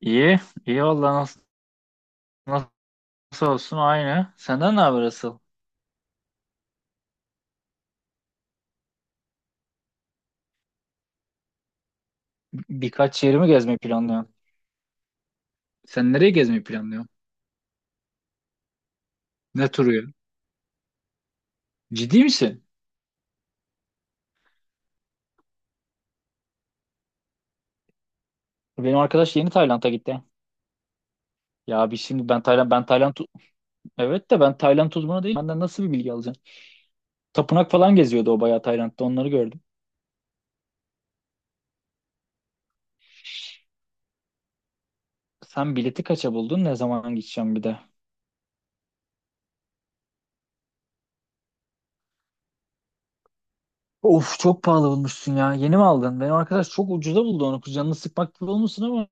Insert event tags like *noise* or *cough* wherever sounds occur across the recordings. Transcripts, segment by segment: İyi, iyi valla nasıl, nasıl olsun aynı. Senden ne haber asıl? Birkaç yerimi gezmeyi planlıyorum. Sen nereye gezmeyi planlıyorsun? Ne turu ya? Ciddi misin? Benim arkadaş yeni Tayland'a gitti. Ya bir şimdi ben Tayland evet de ben Tayland uzmanı değilim. Benden nasıl bir bilgi alacaksın? Tapınak falan geziyordu, o bayağı Tayland'da, onları gördüm. Sen bileti kaça buldun? Ne zaman gideceğim bir de? Of, çok pahalı bulmuşsun ya. Yeni mi aldın? Benim arkadaş çok ucuza buldu onu. Canını sıkmak gibi olmuşsun ama.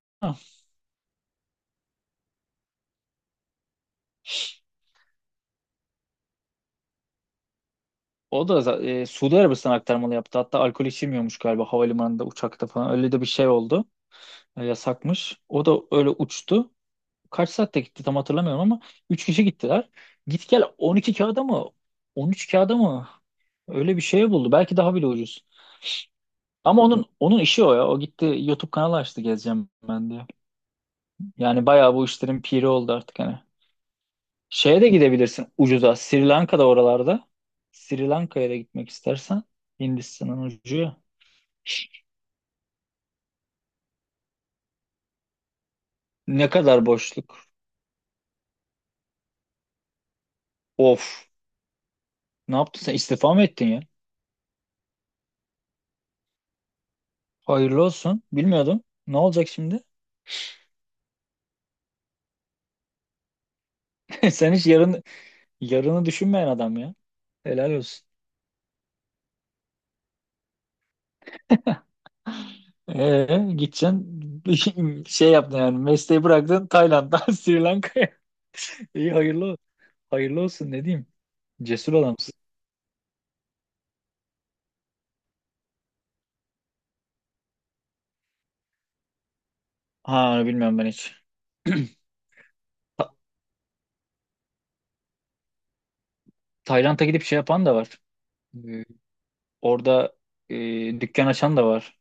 O da za- e, Suudi Arabistan aktarmalı yaptı. Hatta alkol içilmiyormuş galiba havalimanında, uçakta falan. Öyle de bir şey oldu. Yasakmış. O da öyle uçtu. Kaç saatte gitti tam hatırlamıyorum ama 3 kişi gittiler. Git gel 12 kağıda mı? 13 kağıda mı? Öyle bir şey buldu. Belki daha bile ucuz. Ama onun işi o ya. O gitti YouTube kanalı açtı gezeceğim ben diye. Yani bayağı bu işlerin piri oldu artık hani. Şeye de gidebilirsin ucuza. Sri Lanka'da, oralarda. Sri Lanka'ya da gitmek istersen. Hindistan'ın ucu ya. Ne kadar boşluk. Of. Ne yaptın sen? İstifa mı ettin ya? Hayırlı olsun. Bilmiyordum. Ne olacak şimdi? *laughs* Sen hiç yarını düşünmeyen adam ya. Helal olsun. Gideceksin *laughs* şey yaptın, yani mesleği bıraktın Tayland'dan *laughs* Sri Lanka'ya. *laughs* İyi hayırlı olsun, ne diyeyim. Cesur adamsın. Ha, bilmiyorum ben hiç. *clears throat* Ta- Tayland'a gidip şey yapan da var. Ee, Orada e, dükkan açan da var.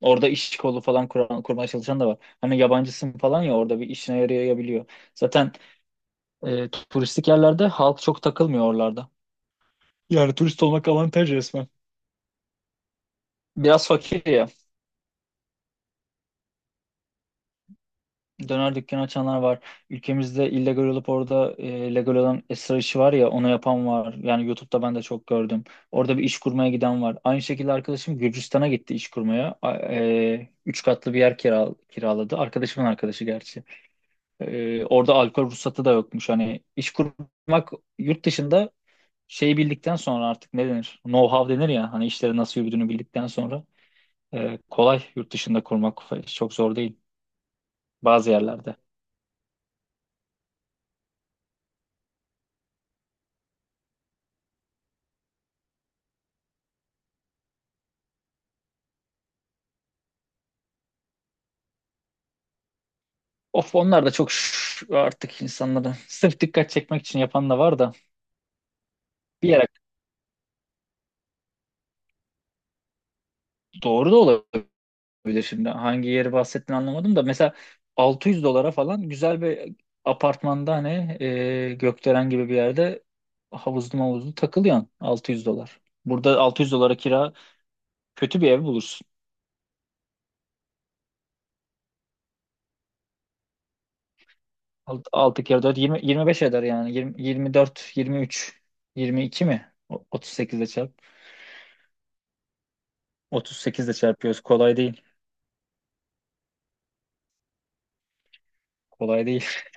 Orada iş kolu falan kuran, kurmaya çalışan da var. Hani yabancısın falan ya, orada bir işine yarayabiliyor. Zaten turistik yerlerde halk çok takılmıyor oralarda. Yani turist olmak avantaj resmen. Biraz fakir ya. Döner dükkanı açanlar var. Ülkemizde illegal olup orada legal olan esrar işi var ya, onu yapan var. Yani YouTube'da ben de çok gördüm. Orada bir iş kurmaya giden var. Aynı şekilde arkadaşım Gürcistan'a gitti iş kurmaya. Üç katlı bir yer kiraladı. Arkadaşımın arkadaşı gerçi. Orada alkol ruhsatı da yokmuş. Hani iş kurmak yurt dışında şeyi bildikten sonra artık ne denir? Know-how denir ya. Hani işleri nasıl yürüdüğünü bildikten sonra kolay, yurt dışında kurmak çok zor değil bazı yerlerde. Of, onlar da çok artık insanların *laughs* sırf dikkat çekmek için yapan da var da bir yere doğru da olabilir şimdi. Hangi yeri bahsettiğini anlamadım da, mesela 600 dolara falan güzel bir apartmanda, hani gökdelen gibi bir yerde, havuzlu takılıyorsun 600 dolar. Burada 600 dolara kira kötü bir ev bulursun. Altı kere 4, 20, 25 eder yani. 20, 24, 23, 22 mi? 38 ile çarp. 38 ile çarpıyoruz. Kolay değil. Kolay değil. *laughs*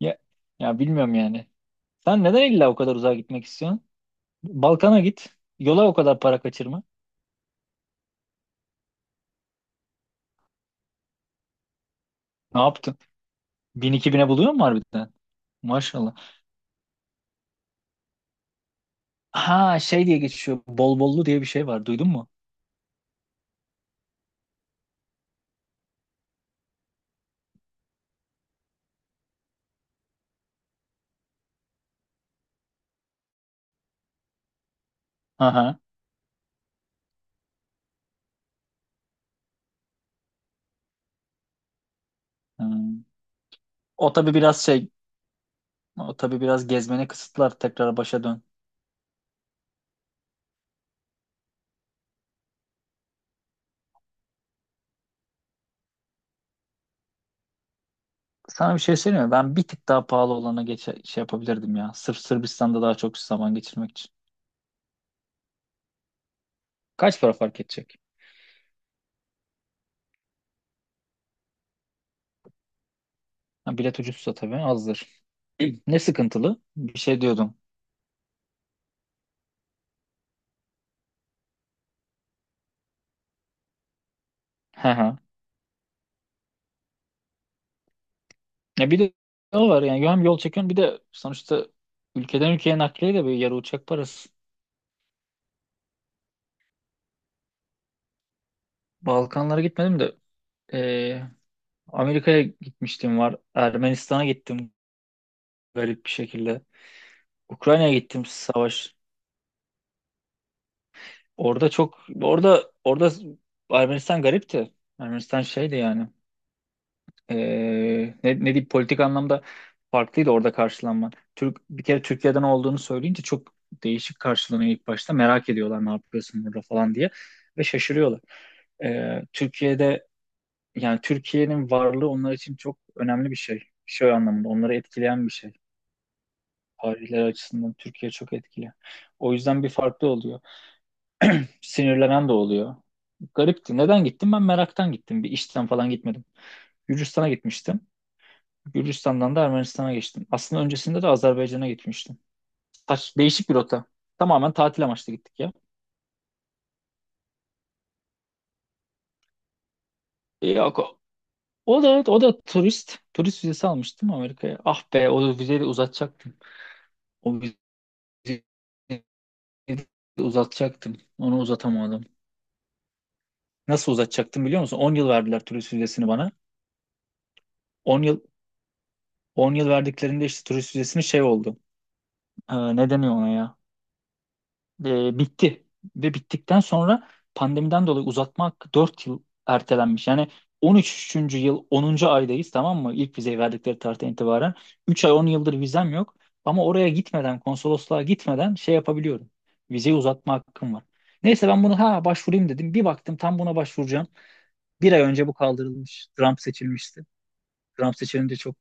Ya, ya, bilmiyorum yani. Sen neden illa o kadar uzağa gitmek istiyorsun? Balkan'a git. Yola o kadar para kaçırma. Ne yaptın? 1000-2000'e buluyor mu harbiden? Maşallah. Ha, şey diye geçiyor. Bol bollu diye bir şey var. Duydun mu? Aha. Hmm. O tabii biraz şey. O tabii biraz gezmene kısıtlar. Tekrar başa dön. Sana bir şey söyleyeyim mi? Ben bir tık daha pahalı olana şey yapabilirdim ya. Sırf Sırbistan'da daha çok zaman geçirmek için. Kaç para fark edecek? Ha, bilet ucuzsa tabii azdır. *clears throat* Ne sıkıntılı? Bir şey diyordum. Hı hı. Ya bir de o var yani, hem yol çekiyorsun bir de sonuçta ülkeden ülkeye nakliye de böyle yarı uçak parası. Balkanlara gitmedim de. Ee, Amerika'ya gitmiştim var. Ermenistan'a gittim garip bir şekilde. Ukrayna'ya gittim, savaş. Orada çok orada orada Ermenistan garipti. Ermenistan şeydi yani. Ee, ne diyeyim, politik anlamda farklıydı orada karşılanma. Türk, bir kere Türkiye'den olduğunu söyleyince çok değişik karşılanıyor ilk başta. Merak ediyorlar, ne yapıyorsun burada falan diye, ve şaşırıyorlar. Türkiye'de, yani Türkiye'nin varlığı onlar için çok önemli bir şey. Şey anlamında onları etkileyen bir şey. Tarihler açısından Türkiye çok etkili. O yüzden bir farklı oluyor. Sinirlenen de oluyor. Garipti. Neden gittim? Ben meraktan gittim. Bir işten falan gitmedim. Gürcistan'a gitmiştim. Gürcistan'dan da Ermenistan'a geçtim. Aslında öncesinde de Azerbaycan'a gitmiştim. Saç, değişik bir rota. Tamamen tatil amaçlı gittik ya. Yok, o da turist. Turist vizesi almıştım Amerika'ya. Ah be, o vizeyi de uzatacaktım. O vizeyi Onu uzatamadım. Nasıl uzatacaktım biliyor musun? 10 yıl verdiler turist vizesini bana. 10 yıl 10 yıl verdiklerinde işte turist vizesini şey oldu. Ne deniyor ona ya? Bitti. Ve bittikten sonra pandemiden dolayı uzatmak 4 yıl ertelenmiş. Yani 13. yıl 10. aydayız, tamam mı? İlk vizeyi verdikleri tarihten itibaren. 3 ay, 10 yıldır vizem yok. Ama oraya gitmeden, konsolosluğa gitmeden şey yapabiliyorum. Vizeyi uzatma hakkım var. Neyse, ben bunu ha başvurayım dedim. Bir baktım, tam buna başvuracağım, 1 ay önce bu kaldırılmış. Trump seçilmişti. Trump seçilince çok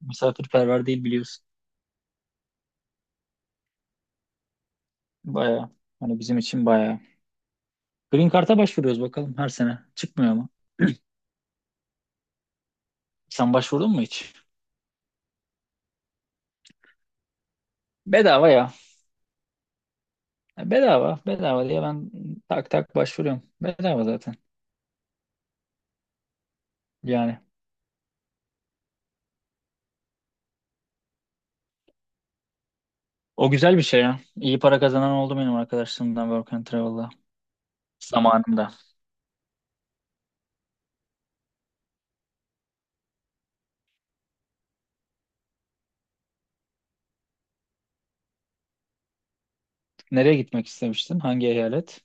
misafirperver değil, biliyorsun. Bayağı. Hani bizim için bayağı. Green Card'a başvuruyoruz bakalım her sene. Çıkmıyor mu? Sen başvurdun mu hiç? Bedava ya. Ya bedava. Bedava diye ben tak tak başvuruyorum. Bedava zaten. Yani. O güzel bir şey ya. İyi para kazanan oldu benim arkadaşlarımdan Work and Travel'da. Zamanında. Nereye gitmek istemiştin? Hangi eyalet?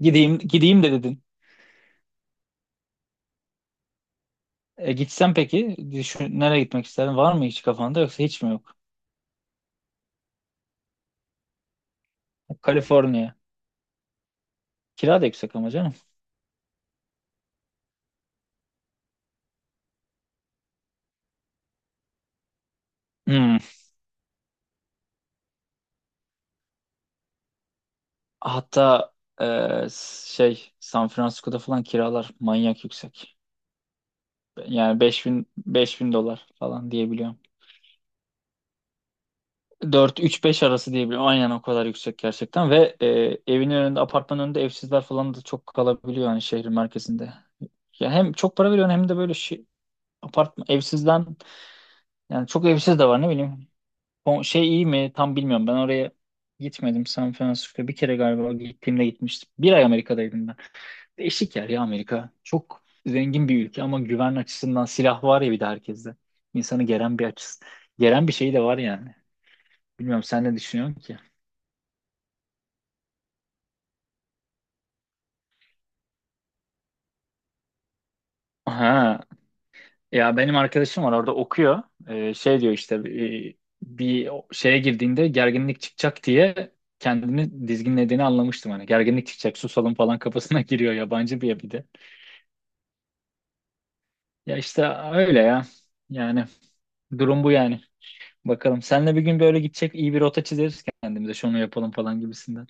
Gideyim, gideyim de dedin. Gitsem peki, düşün, nereye gitmek isterdin? Var mı hiç kafanda, yoksa hiç mi yok? Kaliforniya. Kira da yüksek ama canım. Hmm. Hatta e, şey, San Francisco'da falan kiralar manyak yüksek. Yani beş bin dolar falan diyebiliyorum. Dört, 3 5 arası diyebiliyorum. Aynen, o kadar yüksek gerçekten. Ve evinin önünde, apartmanın önünde evsizler falan da çok kalabiliyor yani şehrin merkezinde. Ya hem çok para veriyorsun, hem de böyle şey, apartman evsizden, yani çok evsiz de var, ne bileyim. O şey iyi mi tam bilmiyorum. Ben oraya gitmedim, San Francisco. Bir kere galiba gittiğimde gitmiştim. 1 ay Amerika'daydım ben. Değişik yer ya Amerika. Çok zengin bir ülke ama güven açısından silah var ya, bir de herkeste. İnsanı geren bir açısı. Geren bir şey de var yani. Bilmiyorum, sen ne düşünüyorsun ki? Ha, ya benim arkadaşım var, orada okuyor. Şey diyor işte, bir şeye girdiğinde gerginlik çıkacak diye kendini dizginlediğini anlamıştım. Hani gerginlik çıkacak, susalım falan kafasına *laughs* giriyor, yabancı bir de. Ya işte öyle ya. Yani durum bu yani. Bakalım. Seninle bir gün böyle gidecek, iyi bir rota çizeriz kendimize. Şunu yapalım falan gibisinden.